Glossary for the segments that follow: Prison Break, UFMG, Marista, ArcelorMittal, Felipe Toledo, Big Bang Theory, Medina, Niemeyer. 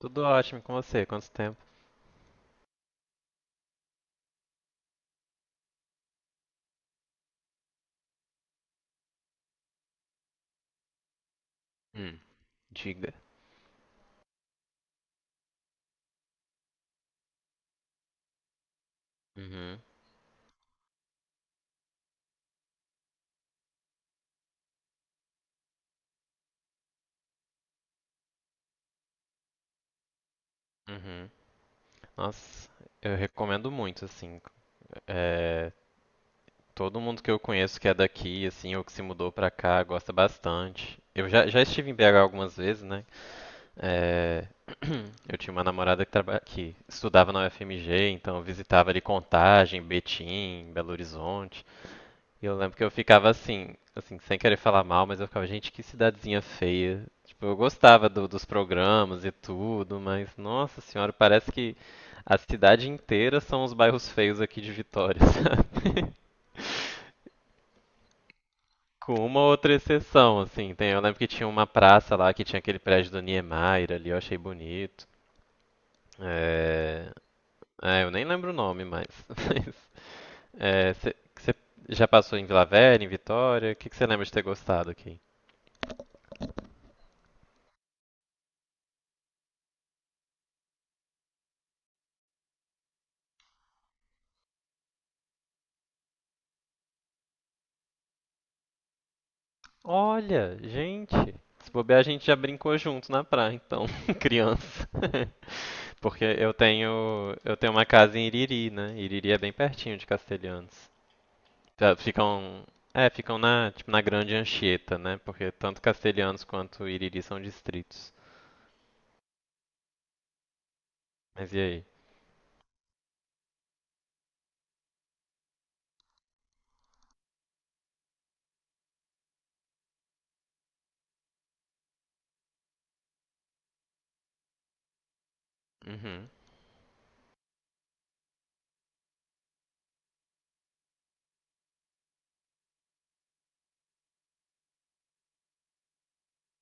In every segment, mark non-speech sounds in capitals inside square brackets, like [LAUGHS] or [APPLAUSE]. Tudo ótimo com você? Quanto tempo? Hum. Diga. Uhum. Uhum. Nossa, eu recomendo muito, assim. É, todo mundo que eu conheço que é daqui, assim, ou que se mudou pra cá, gosta bastante. Eu já estive em BH algumas vezes, né? É, eu tinha uma namorada que, que estudava na UFMG, então eu visitava ali Contagem, Betim, Belo Horizonte. E eu lembro que eu ficava assim, sem querer falar mal, mas eu ficava, gente, que cidadezinha feia. Tipo, eu gostava dos programas e tudo, mas nossa senhora, parece que a cidade inteira são os bairros feios aqui de Vitória, [LAUGHS] sabe? Com uma outra exceção, assim. Tem, eu lembro que tinha uma praça lá que tinha aquele prédio do Niemeyer ali, eu achei bonito. É... é, eu nem lembro o nome mais. [LAUGHS] Mas, você já passou em Vila Velha, em Vitória? O que que você lembra de ter gostado aqui? Olha, gente, se bobear a gente já brincou junto na praia, então, [LAUGHS] criança. [LAUGHS] Porque eu tenho uma casa em Iriri, né? Iriri é bem pertinho de Castelhanos. Tá, ficam na, tipo, na Grande Anchieta, né? Porque tanto Castelhanos quanto Iriri são distritos. Mas e aí? Uhum.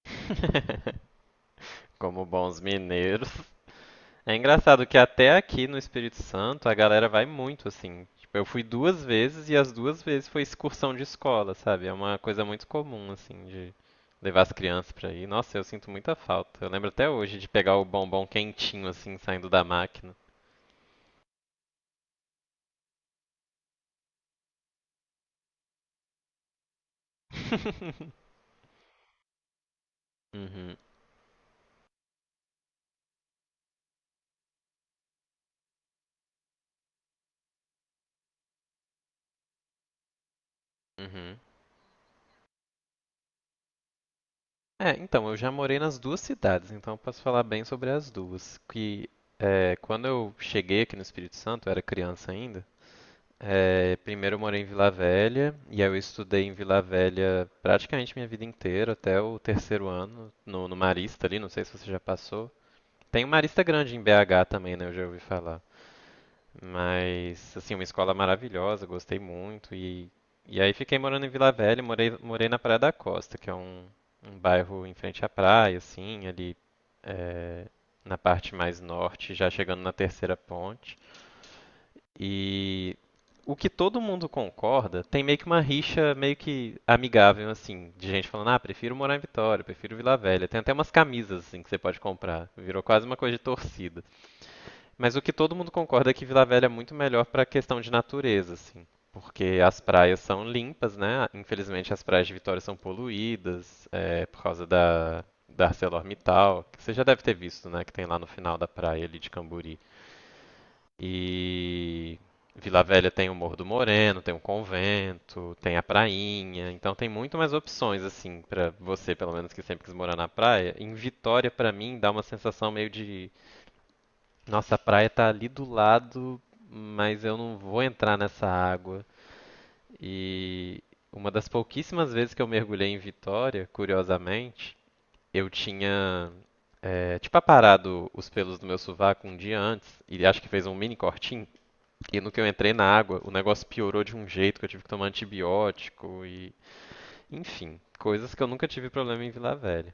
[LAUGHS] Como bons mineiros. É engraçado que até aqui no Espírito Santo a galera vai muito assim. Tipo, eu fui duas vezes e as duas vezes foi excursão de escola, sabe? É uma coisa muito comum assim de levar as crianças pra ir. Nossa, eu sinto muita falta. Eu lembro até hoje de pegar o bombom quentinho assim saindo da máquina. [LAUGHS] Uhum, uhum. É, então, eu já morei nas duas cidades, então eu posso falar bem sobre as duas. Que quando eu cheguei aqui no Espírito Santo, eu era criança ainda, primeiro eu morei em Vila Velha, e aí eu estudei em Vila Velha praticamente minha vida inteira, até o terceiro ano, no Marista ali, não sei se você já passou. Tem um Marista grande em BH também, né? Eu já ouvi falar. Mas, assim, uma escola maravilhosa, gostei muito. E aí fiquei morando em Vila Velha, morei na Praia da Costa, que é um bairro em frente à praia, assim, ali é, na parte mais norte, já chegando na terceira ponte. E o que todo mundo concorda, tem meio que uma rixa meio que amigável, assim, de gente falando, ah, prefiro morar em Vitória, prefiro Vila Velha. Tem até umas camisas, assim, que você pode comprar. Virou quase uma coisa de torcida. Mas o que todo mundo concorda é que Vila Velha é muito melhor para questão de natureza, assim. Porque as praias são limpas, né? Infelizmente as praias de Vitória são poluídas, por causa da ArcelorMittal, que você já deve ter visto, né? Que tem lá no final da praia ali de Camburi. E Vila Velha tem o Morro do Moreno, tem o convento, tem a prainha, então tem muito mais opções assim pra você, pelo menos que sempre quis morar na praia. Em Vitória, pra mim, dá uma sensação meio de, nossa, a praia tá ali do lado, mas eu não vou entrar nessa água. E uma das pouquíssimas vezes que eu mergulhei em Vitória, curiosamente, eu tinha tipo aparado os pelos do meu sovaco um dia antes e acho que fez um mini cortinho. E no que eu entrei na água, o negócio piorou de um jeito que eu tive que tomar antibiótico e, enfim, coisas que eu nunca tive problema em Vila Velha.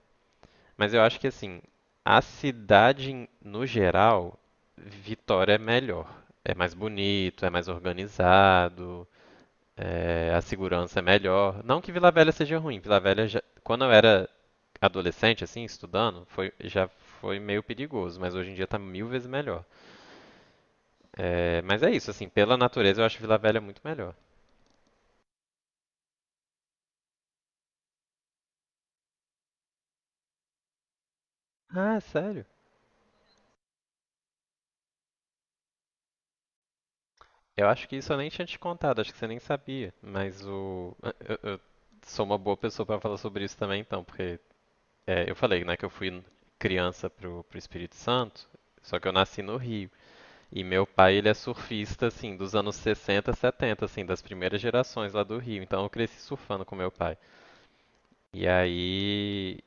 Mas eu acho que assim, a cidade no geral, Vitória é melhor. É mais bonito, é mais organizado, é, a segurança é melhor. Não que Vila Velha seja ruim. Vila Velha, quando eu era adolescente, assim, estudando, já foi meio perigoso, mas hoje em dia tá mil vezes melhor. É, mas é isso, assim, pela natureza eu acho Vila Velha muito melhor. Ah, sério? Eu acho que isso eu nem tinha te contado, acho que você nem sabia. Mas o. Eu sou uma boa pessoa pra falar sobre isso também, então, porque eu falei, né, que eu fui criança pro Espírito Santo, só que eu nasci no Rio. E meu pai, ele é surfista, assim, dos anos 60, 70, assim, das primeiras gerações lá do Rio. Então eu cresci surfando com meu pai. E aí.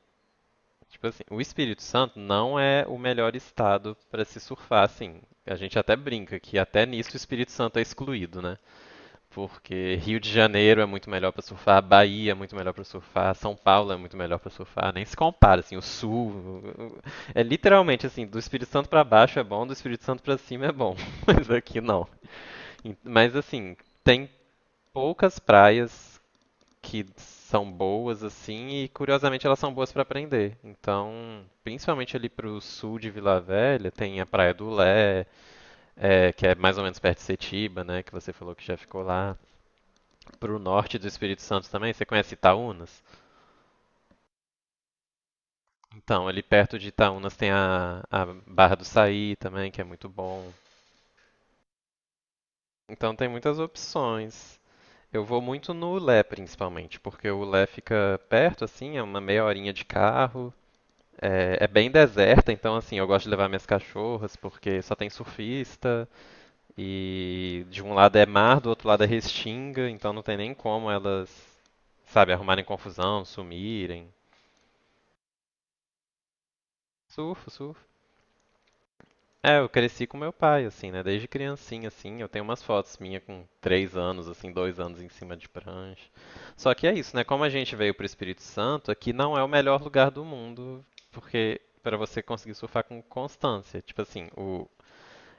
Tipo assim, o Espírito Santo não é o melhor estado pra se surfar, assim. A gente até brinca que até nisso o Espírito Santo é excluído, né? Porque Rio de Janeiro é muito melhor pra surfar, Bahia é muito melhor pra surfar, São Paulo é muito melhor pra surfar, nem se compara, assim, o sul é literalmente assim, do Espírito Santo pra baixo é bom, do Espírito Santo pra cima é bom, [LAUGHS] mas aqui não. Mas assim, tem poucas praias que são boas assim e curiosamente elas são boas pra aprender. Então, principalmente ali pro sul de Vila Velha, tem a Praia do Lé, que é mais ou menos perto de Setiba, né, que você falou que já ficou lá para o norte do Espírito Santo também. Você conhece Itaúnas? Então, ali perto de Itaúnas tem a Barra do Saí também, que é muito bom. Então tem muitas opções. Eu vou muito no Ulé, principalmente, porque o Ulé fica perto, assim, é uma meia horinha de carro. É, é bem deserta, então, assim, eu gosto de levar minhas cachorras, porque só tem surfista. E de um lado é mar, do outro lado é restinga, então não tem nem como elas, sabe, arrumarem confusão, sumirem. Surfo, surfo. É, eu cresci com meu pai, assim, né? Desde criancinha, assim, eu tenho umas fotos minha com 3 anos, assim, 2 anos em cima de prancha. Só que é isso, né? Como a gente veio pro Espírito Santo, aqui não é o melhor lugar do mundo, porque para você conseguir surfar com constância. Tipo assim,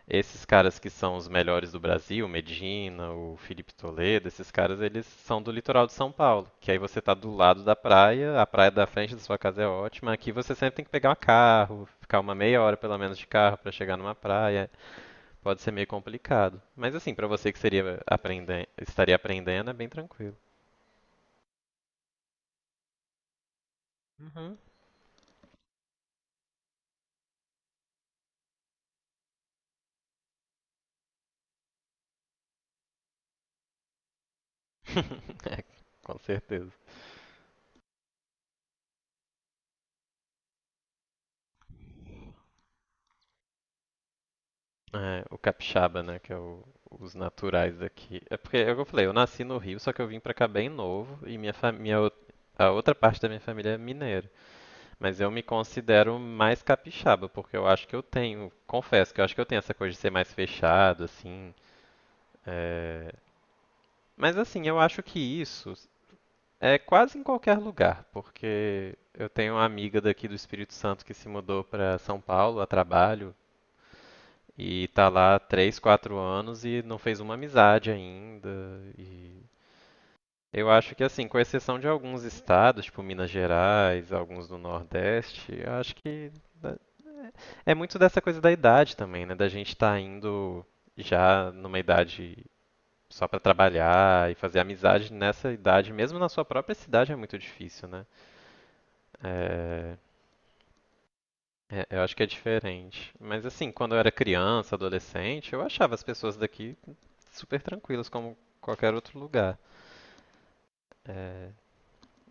esses caras que são os melhores do Brasil, o Medina, o Felipe Toledo, esses caras, eles são do litoral de São Paulo, que aí você tá do lado da praia, a praia da frente da sua casa é ótima, aqui você sempre tem que pegar um carro, ficar uma meia hora pelo menos de carro para chegar numa praia, pode ser meio complicado. Mas assim, para você que seria aprendendo, estaria aprendendo, é bem tranquilo. Uhum. [LAUGHS] é, com certeza. É, o capixaba, né, que é os naturais daqui. É porque, é o que eu falei, eu nasci no Rio, só que eu vim pra cá bem novo e minha família, a outra parte da minha família é mineira. Mas eu me considero mais capixaba, porque eu acho que eu tenho, confesso que eu acho que eu tenho essa coisa de ser mais fechado, assim. é, Mas assim, eu acho que isso é quase em qualquer lugar, porque eu tenho uma amiga daqui do Espírito Santo que se mudou pra São Paulo a trabalho. E tá lá 3, 4 anos e não fez uma amizade ainda. E eu acho que assim, com exceção de alguns estados, tipo Minas Gerais, alguns do Nordeste, eu acho que é muito dessa coisa da idade também, né? Da gente estar tá indo já numa idade só para trabalhar e fazer amizade nessa idade, mesmo na sua própria cidade é muito difícil, né? É, É, eu acho que é diferente. Mas assim, quando eu era criança, adolescente, eu achava as pessoas daqui super tranquilas, como qualquer outro lugar. É,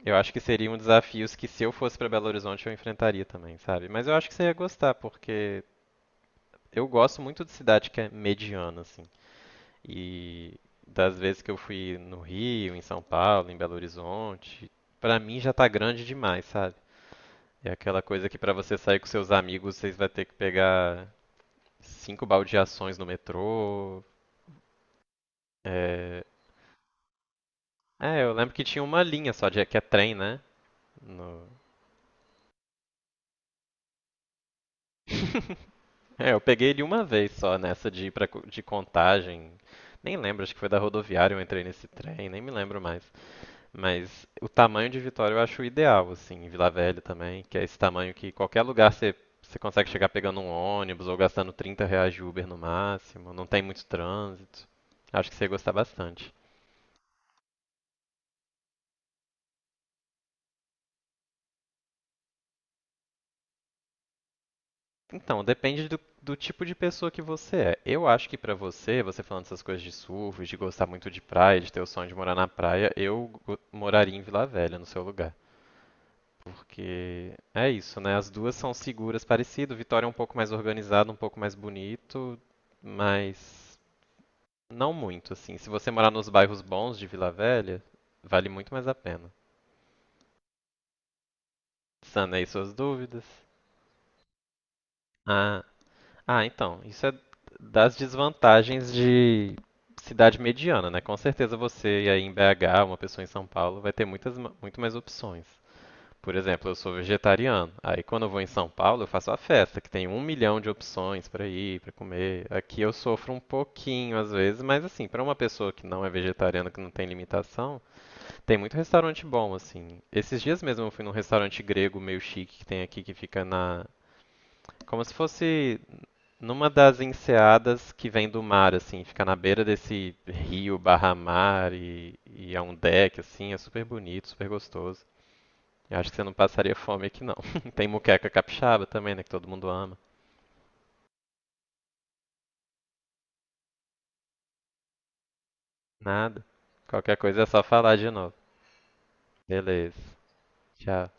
eu acho que seriam desafios que se eu fosse para Belo Horizonte eu enfrentaria também, sabe? Mas eu acho que você ia gostar, porque eu gosto muito de cidade que é mediana, assim. E das vezes que eu fui no Rio, em São Paulo, em Belo Horizonte, pra mim já tá grande demais, sabe? É aquela coisa que pra você sair com seus amigos, vocês vai ter que pegar 5 baldeações no metrô. É... é, eu lembro que tinha uma linha só, que é trem, né? No- [LAUGHS] eu peguei ele uma vez só nessa de ir de Contagem. Nem lembro, acho que foi da rodoviária eu entrei nesse trem, nem me lembro mais. Mas o tamanho de Vitória eu acho ideal, assim, em Vila Velha também, que é esse tamanho que qualquer lugar você, você consegue chegar pegando um ônibus ou gastando R$ 30 de Uber no máximo, não tem muito trânsito. Acho que você ia gostar bastante. Então, depende do tipo de pessoa que você é. Eu acho que pra você, você falando essas coisas de surf, de gostar muito de praia, de ter o sonho de morar na praia, eu moraria em Vila Velha, no seu lugar. Porque é isso, né? As duas são seguras, parecido. Vitória é um pouco mais organizado, um pouco mais bonito, mas não muito, assim. Se você morar nos bairros bons de Vila Velha, vale muito mais a pena. Sanei suas dúvidas. Ah, Ah, então, isso é das desvantagens de cidade mediana, né? Com certeza você aí em BH, uma pessoa em São Paulo, vai ter muito mais opções. Por exemplo, eu sou vegetariano. Aí quando eu vou em São Paulo, eu faço a festa, que tem um milhão de opções para ir, para comer. Aqui eu sofro um pouquinho às vezes, mas assim, para uma pessoa que não é vegetariana, que não tem limitação, tem muito restaurante bom, assim. Esses dias mesmo eu fui num restaurante grego meio chique que tem aqui, que fica na. Como se fosse numa das enseadas que vem do mar, assim, fica na beira desse rio barra mar e é um deck, assim, é super bonito, super gostoso. Eu acho que você não passaria fome aqui, não. [LAUGHS] Tem muqueca capixaba também, né, que todo mundo ama. Nada. Qualquer coisa é só falar de novo. Beleza. Tchau.